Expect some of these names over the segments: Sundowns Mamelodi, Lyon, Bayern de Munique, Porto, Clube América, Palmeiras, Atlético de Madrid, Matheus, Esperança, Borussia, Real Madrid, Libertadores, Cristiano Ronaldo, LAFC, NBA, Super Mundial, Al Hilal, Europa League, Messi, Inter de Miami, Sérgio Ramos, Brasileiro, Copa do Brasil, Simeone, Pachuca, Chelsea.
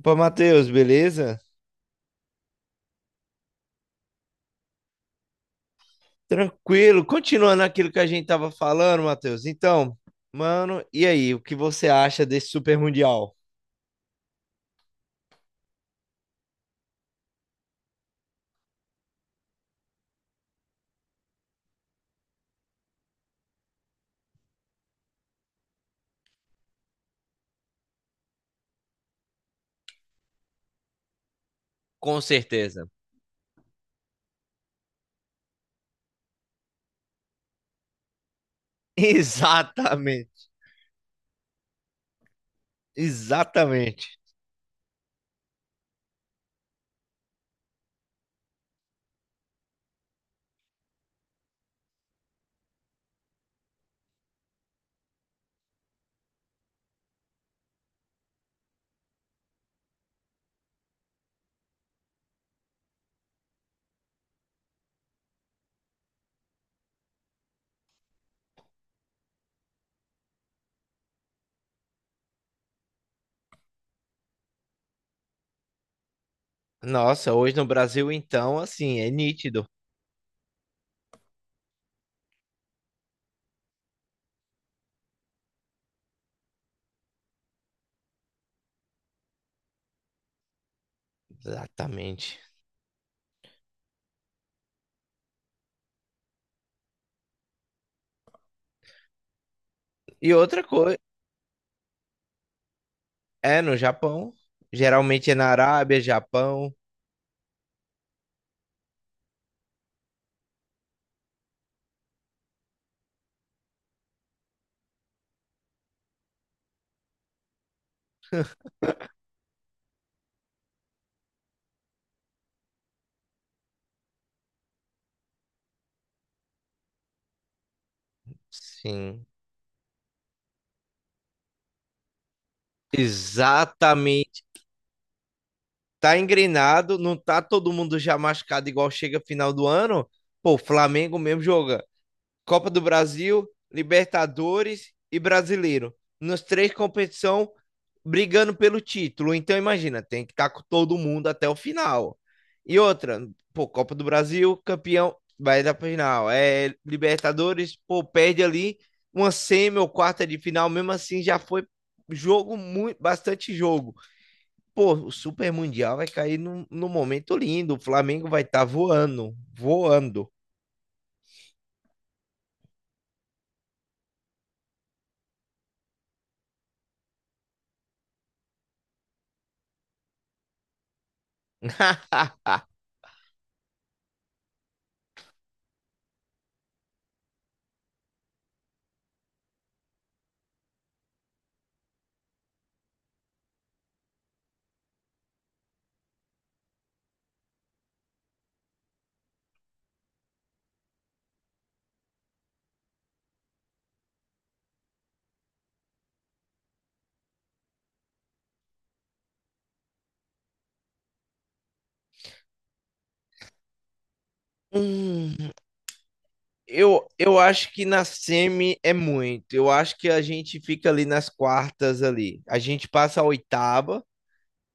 Opa, Matheus, beleza? Tranquilo. Continuando aquilo que a gente tava falando, Matheus. Então, mano, e aí, o que você acha desse Super Mundial? Com certeza. Exatamente. Exatamente. Nossa, hoje no Brasil, então, assim, é nítido. Exatamente. E outra coisa. É no Japão. Geralmente é na Arábia, Japão. Sim. Exatamente. Tá engrenado, não tá todo mundo já machucado igual chega final do ano. Pô, o Flamengo mesmo joga Copa do Brasil, Libertadores e Brasileiro. Nas três competições, brigando pelo título. Então, imagina, tem que estar com todo mundo até o final. E outra, pô, Copa do Brasil, campeão, vai dar pra final. É, Libertadores, pô, perde ali uma semi ou quarta de final, mesmo assim já foi jogo, muito, bastante jogo. Pô, o Super Mundial vai cair num momento lindo. O Flamengo vai estar tá voando, voando. Hum. Eu acho que na semi é muito. Eu acho que a gente fica ali nas quartas ali. A gente passa a oitava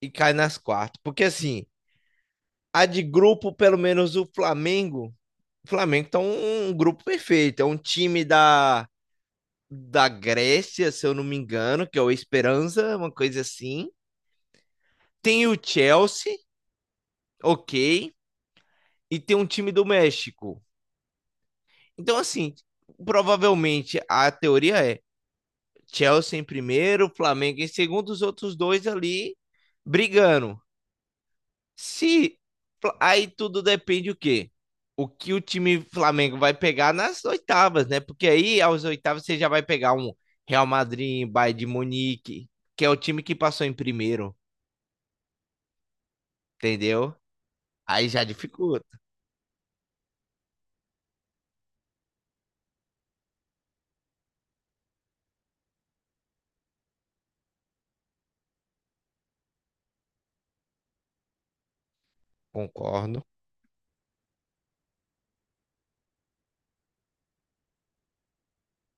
e cai nas quartas. Porque assim, a de grupo, pelo menos o Flamengo tá um grupo perfeito. É um time da Grécia, se eu não me engano, que é o Esperança, uma coisa assim. Tem o Chelsea, ok. E tem um time do México. Então, assim, provavelmente a teoria é Chelsea em primeiro, Flamengo em segundo, os outros dois ali brigando. Se aí tudo depende o quê? O que o time Flamengo vai pegar nas oitavas, né? Porque aí aos oitavas você já vai pegar um Real Madrid, Bayern de Munique, que é o time que passou em primeiro, entendeu? Aí já dificulta. Concordo.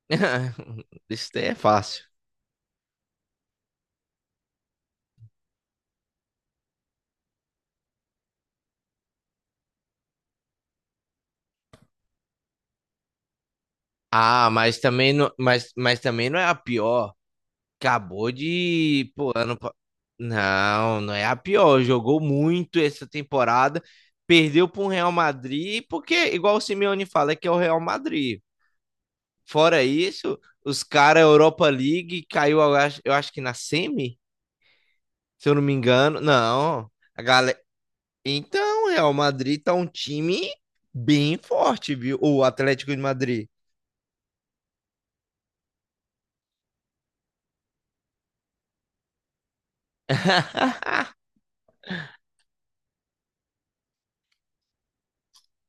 Isso daí é fácil. Ah, mas também não é a pior. Acabou de. Pô, ano... pa- Não, não é a pior. Jogou muito essa temporada. Perdeu para o Real Madrid, porque, igual o Simeone fala, é que é o Real Madrid. Fora isso, os caras, Europa League, caiu, eu acho que na semi, se eu não me engano. Não, a galera. Então, o Real Madrid tá um time bem forte, viu? O Atlético de Madrid.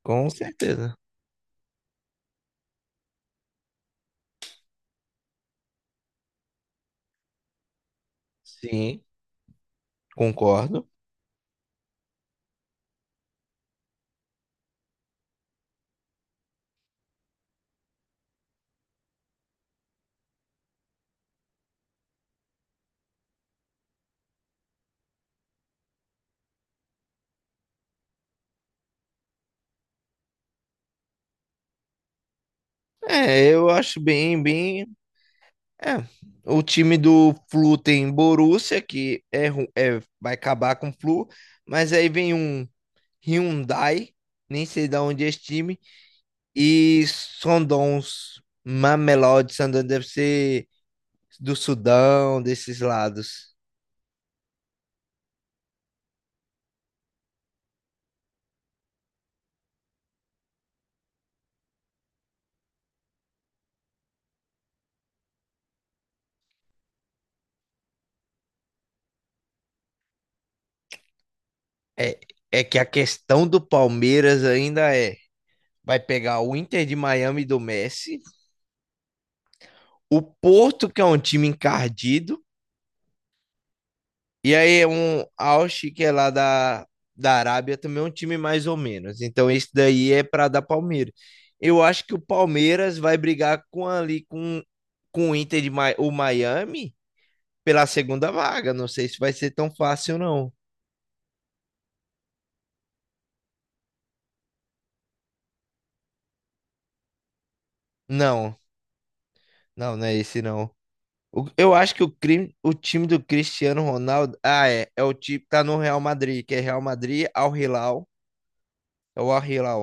Com certeza. Sim, concordo. É, eu acho bem, bem é, o time do Flu tem Borussia, que é, ru- é- vai acabar com o Flu, mas aí vem um Hyundai, nem sei de onde é esse time, e Sundowns Mamelodi, Sundowns deve ser do Sudão, desses lados. É, é que a questão do Palmeiras ainda é, vai pegar o Inter de Miami do Messi, o Porto, que é um time encardido. E aí, um Al que é lá da, da Arábia, também é um time mais ou menos. Então, esse daí é para dar Palmeiras. Eu acho que o Palmeiras vai brigar com ali com o Inter de Mi- o Miami pela segunda vaga. Não sei se vai ser tão fácil, não. Não, não, não é esse, não. O- eu acho que o, crime, o time do Cristiano Ronaldo. Ah, é. É o time que tá no Real Madrid, que é Real Madrid, Al Hilal. É o Al Hilal.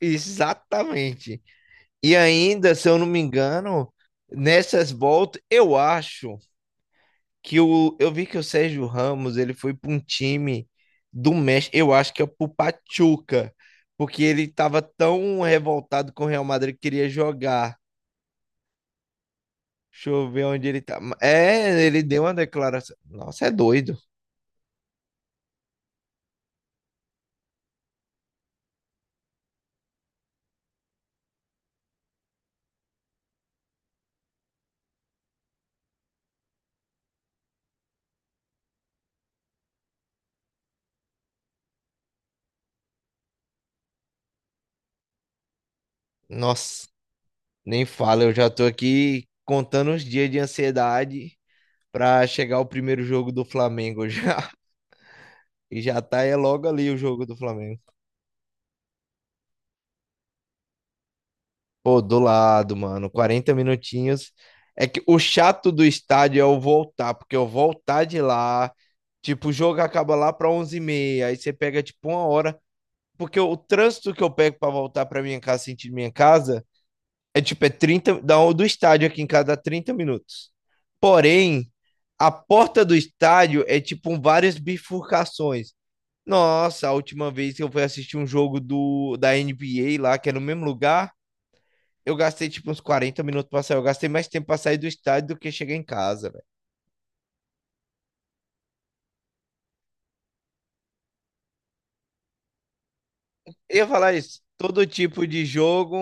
Exatamente. E ainda, se eu não me engano, nessas voltas, eu acho que o, eu vi que o Sérgio Ramos ele foi para um time do México, eu acho que é pro Pachuca, porque ele estava tão revoltado com o Real Madrid que queria jogar. Deixa eu ver onde ele tá. É, ele deu uma declaração. Nossa, é doido. Nossa, nem fala, eu já tô aqui contando os dias de ansiedade para chegar o primeiro jogo do Flamengo já. E já tá é logo ali o jogo do Flamengo. Pô, do lado, mano, 40 minutinhos. É que o chato do estádio é o voltar, porque eu voltar de lá, tipo, o jogo acaba lá para onze e meia aí você pega tipo uma hora, porque o trânsito que eu pego para voltar para minha casa, sentido minha casa, é tipo, é 30, da, do estádio aqui em casa dá 30 minutos. Porém, a porta do estádio é tipo um, várias bifurcações. Nossa, a última vez que eu fui assistir um jogo da NBA lá, que é no mesmo lugar, eu gastei tipo uns 40 minutos pra sair. Eu gastei mais tempo pra sair do estádio do que chegar em casa, velho. Eu ia falar isso. Todo tipo de jogo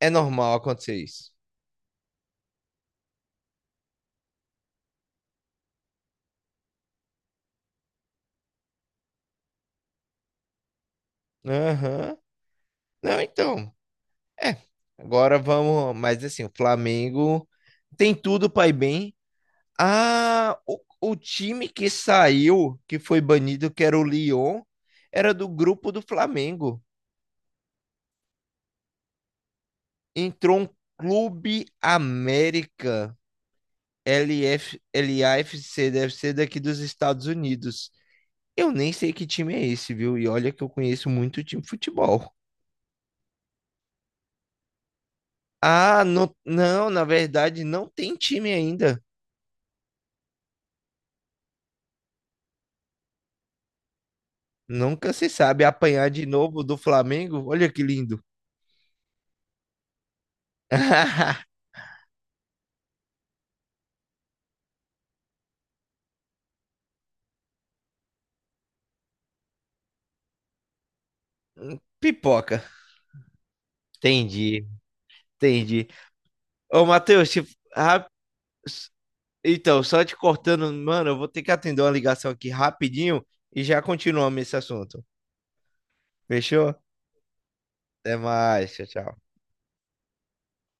é normal acontecer isso. Aham. Não, então. É. Agora vamos. Mas assim, o Flamengo tem tudo pra ir bem. Ah, o time que saiu, que foi banido, que era o Lyon, era do grupo do Flamengo. Entrou um Clube América. LF, LAFC deve ser daqui dos Estados Unidos. Eu nem sei que time é esse, viu? E olha que eu conheço muito time de futebol. Ah, não, não, na verdade não tem time ainda. Nunca se sabe apanhar de novo do Flamengo. Olha que lindo. Pipoca. Entendi, entendi. Ô, Matheus, se- rap- então, só te cortando, mano, eu vou ter que atender uma ligação aqui rapidinho e já continuamos esse assunto. Fechou? Até mais, tchau, tchau.